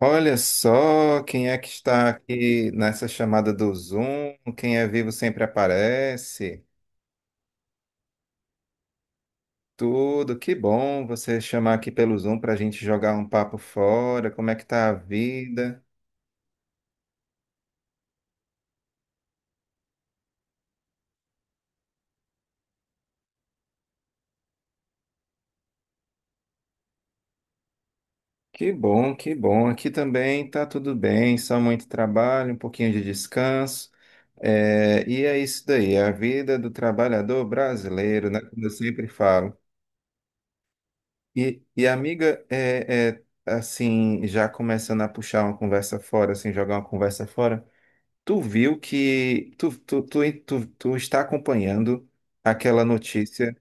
Olha só quem é que está aqui nessa chamada do Zoom. Quem é vivo sempre aparece. Tudo, que bom você chamar aqui pelo Zoom para a gente jogar um papo fora. Como é que tá a vida? Que bom, que bom. Aqui também tá tudo bem, só muito trabalho, um pouquinho de descanso. É, e é isso daí, a vida do trabalhador brasileiro, né? Como eu sempre falo. E amiga, assim, já começando a puxar uma conversa fora, assim, jogar uma conversa fora, tu viu que tu está acompanhando aquela notícia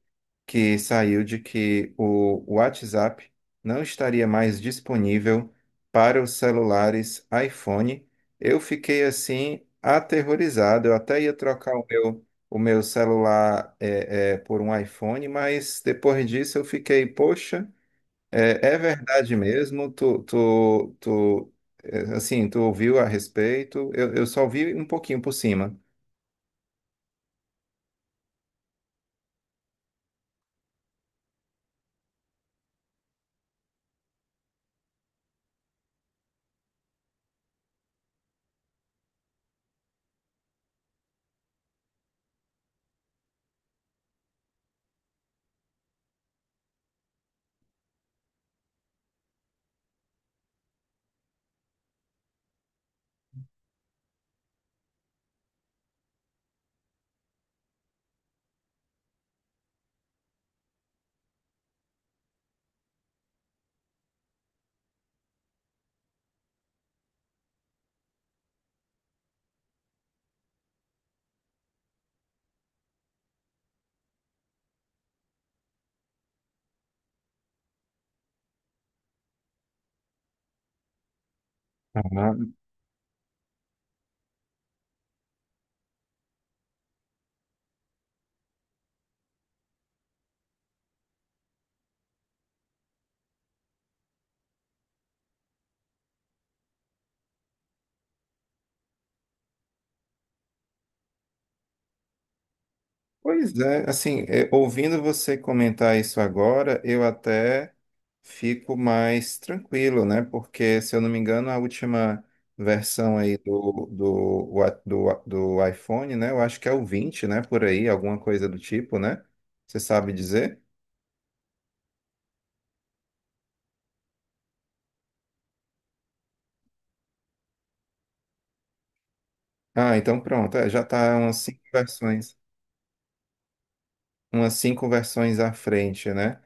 que saiu de que o WhatsApp não estaria mais disponível para os celulares iPhone. Eu fiquei assim aterrorizado, eu até ia trocar o meu celular por um iPhone, mas depois disso eu fiquei, poxa. É verdade mesmo, assim, tu ouviu a respeito, eu só ouvi um pouquinho por cima. Ah, pois é, assim, ouvindo você comentar isso agora, eu até fico mais tranquilo, né? Porque, se eu não me engano, a última versão aí do iPhone, né? Eu acho que é o 20, né? Por aí, alguma coisa do tipo, né? Você sabe dizer? Ah, então pronto, já tá umas cinco versões. Umas cinco versões à frente, né?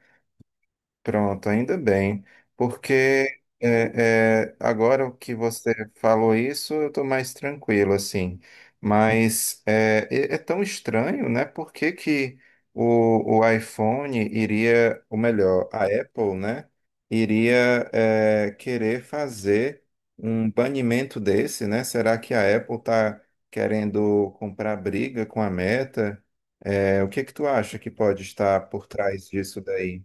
Pronto, ainda bem, porque agora que você falou isso, eu estou mais tranquilo, assim. Mas é tão estranho, né? Por que que o iPhone iria, ou melhor, a Apple, né? Iria querer fazer um banimento desse, né? Será que a Apple está querendo comprar briga com a Meta? É, o que que tu acha que pode estar por trás disso daí?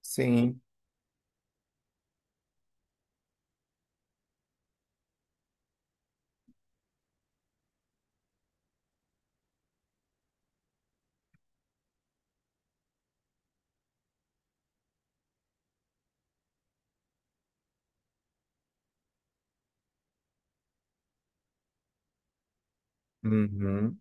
Sim. Uhum.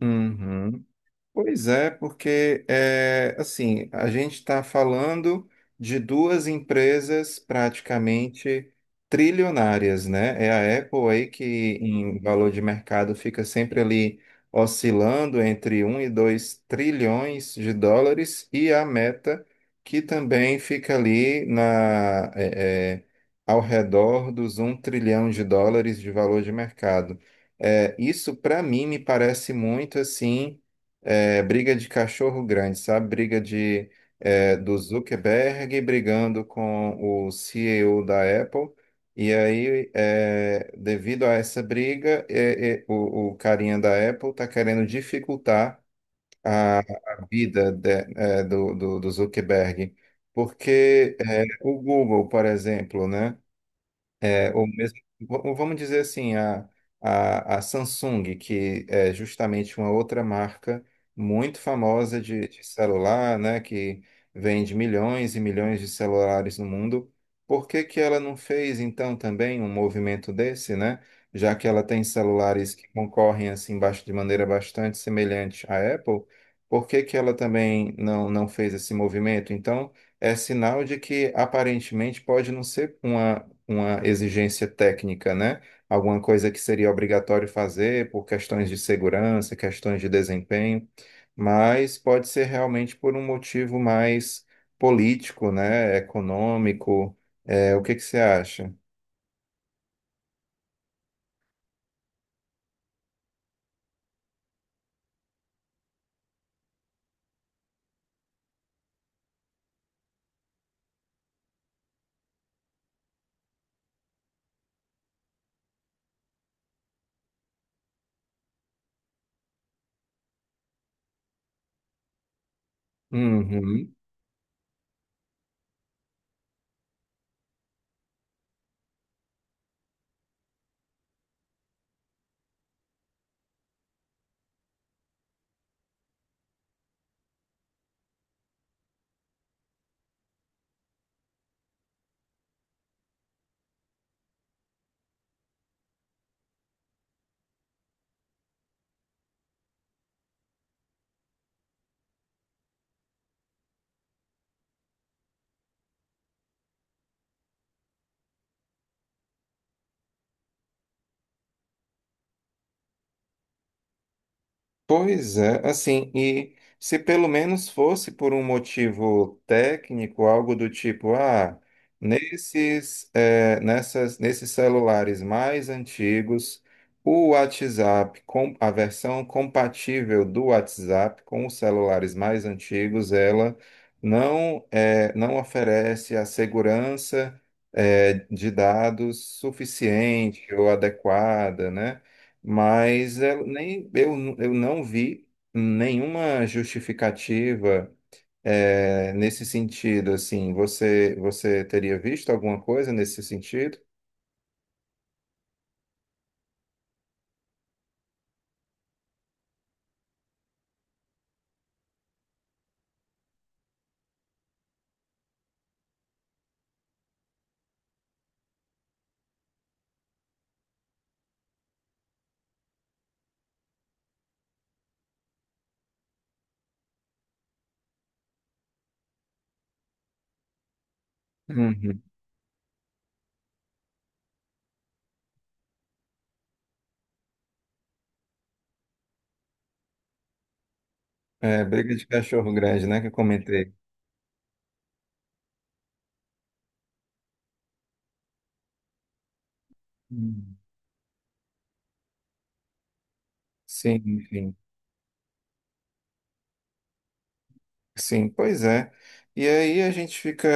Uhum. Pois é, porque assim, a gente está falando de duas empresas praticamente trilionárias, né? É a Apple aí que em valor de mercado fica sempre ali oscilando entre 1 e 2 trilhões de dólares e a Meta que também fica ali ao redor dos 1 trilhão de dólares de valor de mercado. É, isso para mim me parece muito assim briga de cachorro grande, sabe? Briga de, do Zuckerberg brigando com o CEO da Apple. E aí, devido a essa briga, o carinha da Apple está querendo dificultar a vida do Zuckerberg. Porque o Google, por exemplo, né? É, ou mesmo, vamos dizer assim, a, a Samsung, que é justamente uma outra marca muito famosa de celular, né, que vende milhões e milhões de celulares no mundo, por que que ela não fez, então, também um movimento desse, né? Já que ela tem celulares que concorrem, assim, de maneira bastante semelhante à Apple, por que que ela também não fez esse movimento? Então, é sinal de que aparentemente pode não ser uma exigência técnica, né? Alguma coisa que seria obrigatório fazer por questões de segurança, questões de desempenho, mas pode ser realmente por um motivo mais político, né? Econômico. É, o que que você acha? Uhum. Pois é, assim, e se pelo menos fosse por um motivo técnico, algo do tipo, ah, nesses celulares mais antigos, o WhatsApp, a versão compatível do WhatsApp com os celulares mais antigos, ela não, não oferece a segurança, de dados suficiente ou adequada, né? Mas eu, nem, eu não vi nenhuma justificativa nesse sentido, assim, você teria visto alguma coisa nesse sentido? Uhum. É, briga de cachorro grande, né, que eu comentei. Uhum. Sim, enfim. Sim, pois é. E aí a gente fica.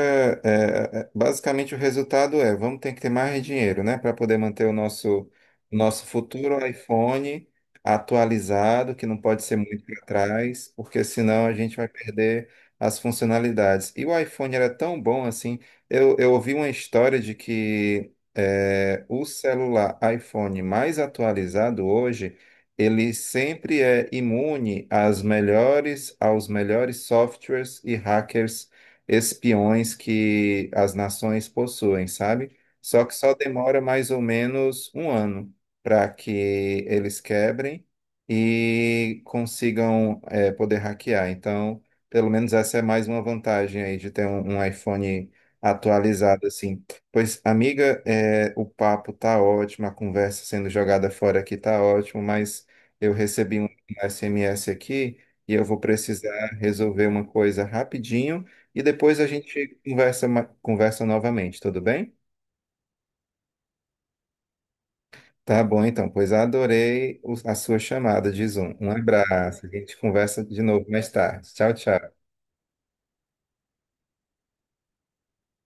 Basicamente o resultado é, vamos ter que ter mais dinheiro, né? Para poder manter o nosso futuro iPhone atualizado, que não pode ser muito para trás, porque senão a gente vai perder as funcionalidades. E o iPhone era tão bom assim. Eu ouvi uma história de que o celular iPhone mais atualizado hoje ele sempre é imune às melhores, aos melhores softwares e hackers espiões que as nações possuem, sabe? Só que só demora mais ou menos um ano para que eles quebrem e consigam poder hackear. Então, pelo menos essa é mais uma vantagem aí de ter um iPhone atualizado assim. Pois, amiga, o papo tá ótimo, a conversa sendo jogada fora aqui tá ótimo, mas eu recebi um SMS aqui e eu vou precisar resolver uma coisa rapidinho e depois a gente conversa, conversa novamente, tudo bem? Tá bom, então, pois adorei a sua chamada de Zoom. Um abraço, a gente conversa de novo mais tarde. Tchau, tchau.